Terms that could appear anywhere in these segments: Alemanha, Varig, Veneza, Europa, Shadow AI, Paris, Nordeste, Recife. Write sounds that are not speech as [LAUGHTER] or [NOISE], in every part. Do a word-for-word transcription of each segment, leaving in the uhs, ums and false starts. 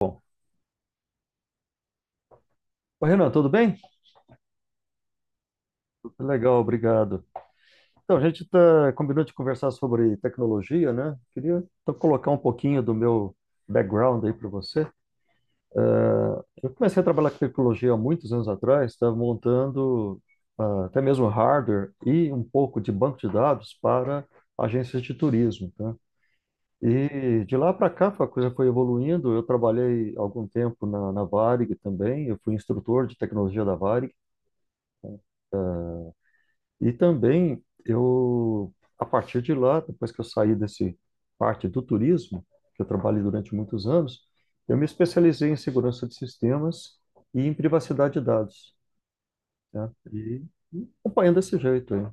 Bom, ô, Renan, tudo bem? Legal, obrigado. Então, a gente tá, combinou de conversar sobre tecnologia, né? Queria então colocar um pouquinho do meu background aí para você. Eh, eu comecei a trabalhar com tecnologia há muitos anos atrás, estava montando ah, até mesmo hardware e um pouco de banco de dados para agências de turismo, tá? E de lá para cá a coisa foi evoluindo. Eu trabalhei algum tempo na, na Varig também, eu fui instrutor de tecnologia da Varig. E também eu, a partir de lá, depois que eu saí desse parte do turismo, que eu trabalhei durante muitos anos, eu me especializei em segurança de sistemas e em privacidade de dados, né? E e acompanhando desse jeito aí.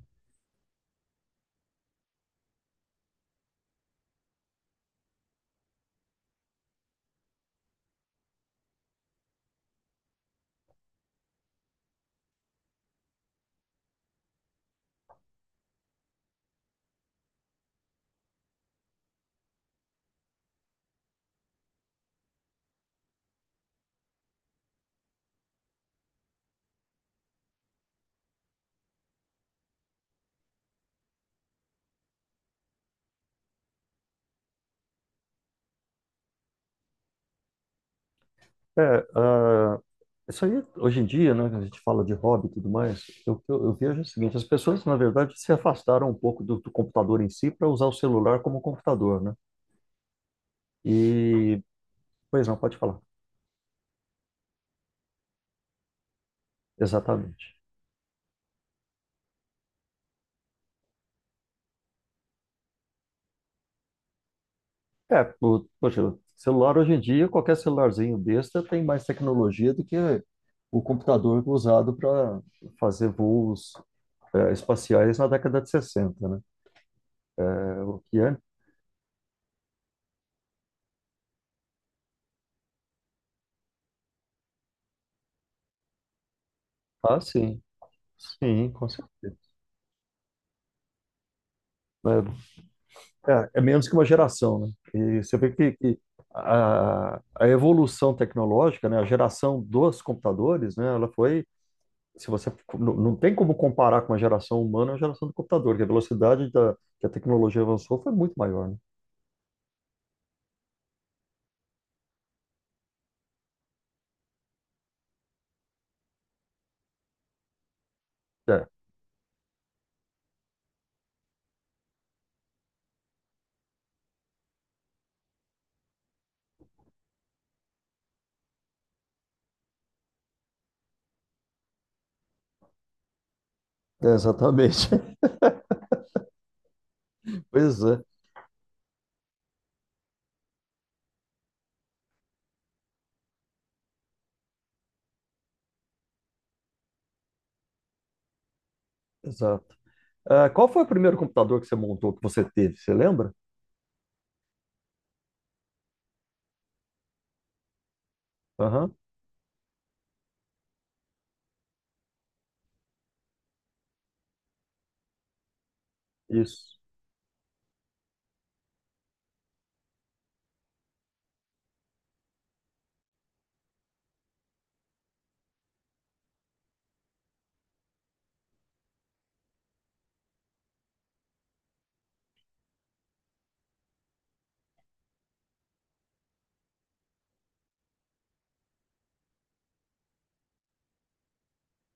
É, ah, isso aí, hoje em dia, né, que a gente fala de hobby e tudo mais, eu, eu, eu vejo o seguinte, as pessoas, na verdade, se afastaram um pouco do, do computador em si para usar o celular como computador, né? E, pois não, pode falar. Exatamente. É, o, poxa, o celular hoje em dia, qualquer celularzinho besta tem mais tecnologia do que o computador usado para fazer voos é, espaciais na década de sessenta, né? É, o que é? Ah, sim, sim, com certeza. É, é- é menos que uma geração, né? E você vê que, que a, a evolução tecnológica, né, a geração dos computadores, né, ela foi, se você não, não tem como comparar com a geração humana, a geração do computador, que a velocidade da, que a tecnologia avançou foi muito maior, né? É, é, exatamente. [LAUGHS] Pois é, exato. Ah, qual foi o primeiro computador que você montou, que você teve? Você lembra? Aham, isso.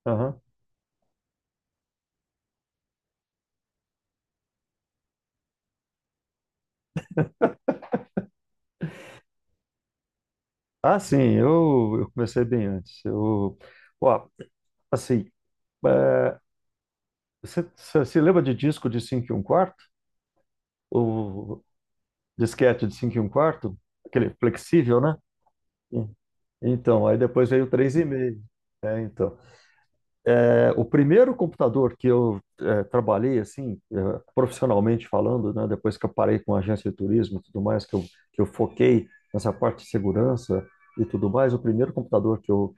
Aham. Ah, sim, eu, eu comecei bem antes. Eu, ó, assim, é, você, você se lembra de disco de cinco e um quarto? O disquete de cinco e um quarto? Aquele flexível, né? Sim. Então, aí depois veio o três vírgula cinco. É, então. O primeiro computador que eu eh, trabalhei, assim, eh, profissionalmente falando, né, depois que eu parei com a agência de turismo e tudo mais, que eu, que eu foquei nessa parte de segurança e tudo mais, o primeiro computador que eu,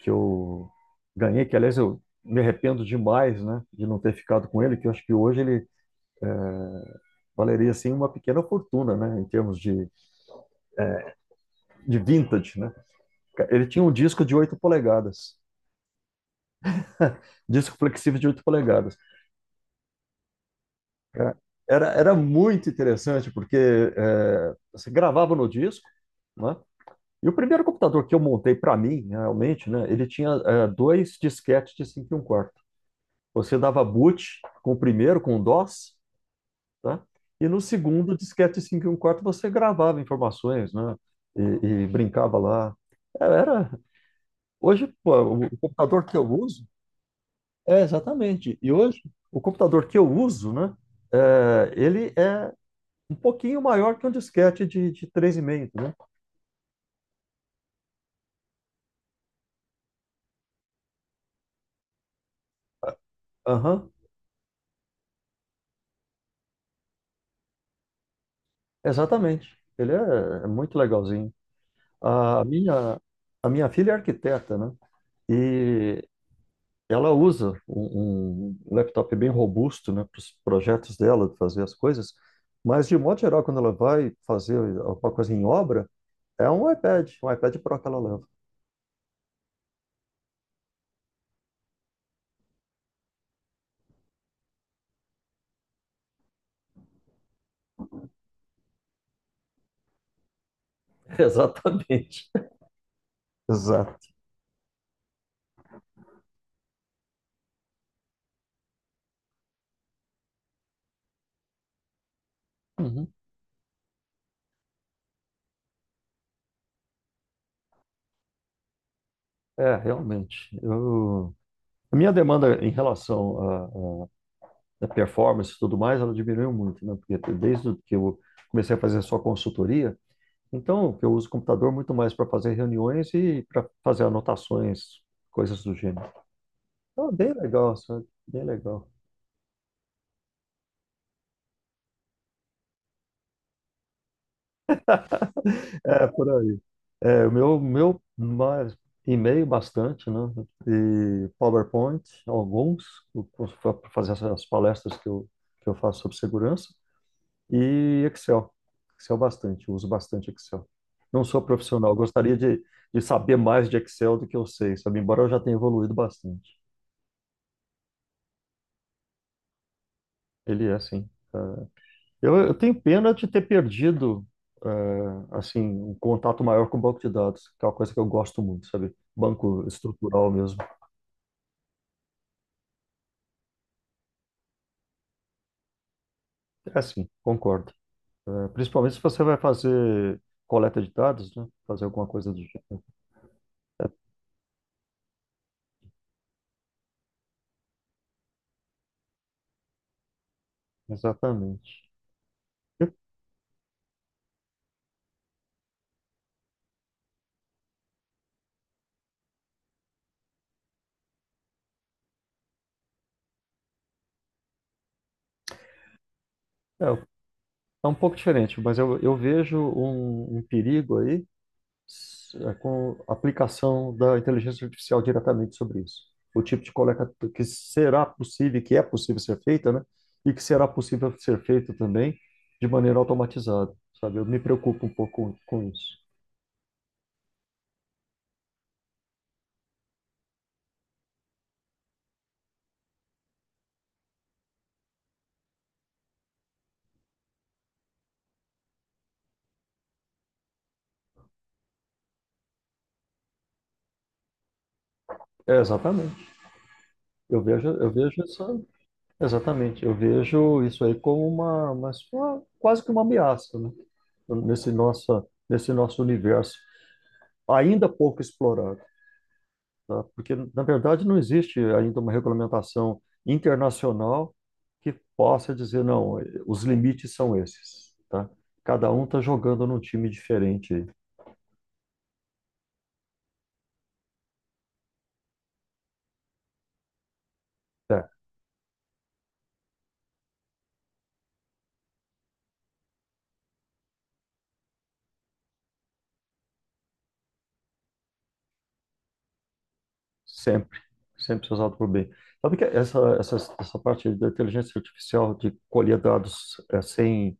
que eu ganhei, que aliás eu me arrependo demais, né, de não ter ficado com ele, que eu acho que hoje ele valeria, assim, uma pequena fortuna, né, em termos de, de vintage, né. Ele tinha um disco de oito polegadas, [LAUGHS] disco flexível de oito polegadas. É, era, era muito interessante, porque é, você gravava no disco, né? E o primeiro computador que eu montei para mim, realmente, né? Ele tinha é, dois disquetes de cinco e um quarto. Você dava boot com o primeiro, com o DOS, tá? E no segundo disquete de cinco e um quarto você gravava informações, né? E, e brincava lá. É, era... Hoje, pô, o o computador que eu uso... É, exatamente. E hoje, o computador que eu uso, né? É, ele é um pouquinho maior que um disquete de, de três e meio, né? Aham, exatamente. Ele é, é muito legalzinho. A minha, a minha filha é arquiteta, né? E ela usa um, um laptop bem robusto, né, para os projetos dela, de fazer as coisas. Mas, de modo geral, quando ela vai fazer alguma coisa em obra, é um iPad, um iPad Pro que ela leva. [LAUGHS] Exatamente. Exato. Uhum. É, realmente. Eu... A minha demanda em relação a da performance e tudo mais, ela diminuiu muito, né? Porque desde que eu comecei a fazer só consultoria, então eu uso o computador muito mais para fazer reuniões e para fazer anotações, coisas do gênero. Então, bem legal, sabe? Bem legal. É, por aí. É, o meu, meu mais- e-mail bastante, né? E PowerPoint, alguns, para fazer as palestras que eu, que eu faço sobre segurança. E Excel. Excel bastante, uso bastante Excel. Não sou profissional, gostaria de, de saber mais de Excel do que eu sei, sabe? Embora eu já tenha evoluído bastante. Ele é assim. Eu, eu tenho pena de ter perdido, eh, assim, um contato maior com o banco de dados, que é uma coisa que eu gosto muito, sabe? Banco estrutural mesmo. É assim, concordo. Eh, principalmente se você vai fazer coleta de dados, né? Fazer alguma coisa do gênero. É, exatamente. Eu- É, eu tá um pouco diferente, mas eu, eu vejo um, um perigo aí s- é, com a aplicação da inteligência artificial diretamente sobre isso. O tipo de coleta que será possível, que é possível ser feita, né? E que será possível ser feita também de maneira automatizada, sabe? Eu me preocupo um pouco com, com isso. É, exatamente. Eu vejo, eu vejo isso, exatamente. Eu vejo isso aí como uma, uma, uma- quase que uma ameaça, né? Nesse nossa, nesse nosso universo ainda pouco explorado. Tá? Porque, na verdade, não existe ainda uma regulamentação internacional que possa dizer, não, os limites são esses, tá? Cada um está jogando num time diferente aí. É, sempre, sempre se usado por bem. Sabe que essa, essa, essa parte da inteligência artificial de colher dados é, sem,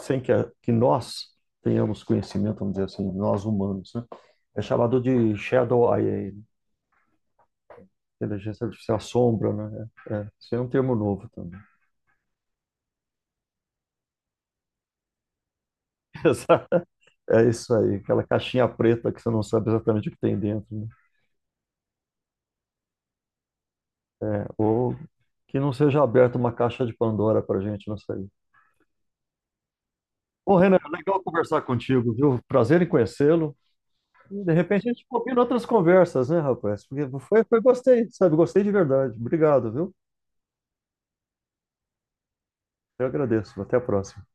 sem que, a- que nós tenhamos conhecimento, vamos dizer assim, nós humanos, né? É chamado de Shadow A I, né? Inteligência artificial sombra, né? É, é, isso é um termo novo também. [LAUGHS] É isso aí, aquela caixinha preta que você não sabe exatamente o que tem dentro, né? Ou que não seja aberta uma caixa de Pandora para gente, não sei. Ô, Renan, legal conversar contigo, viu? Prazer em conhecê-lo. E, de repente a gente combina outras conversas, né, rapaz? Porque foi, foi, gostei, sabe? Gostei de verdade. Obrigado, viu? Eu agradeço. Até a próxima.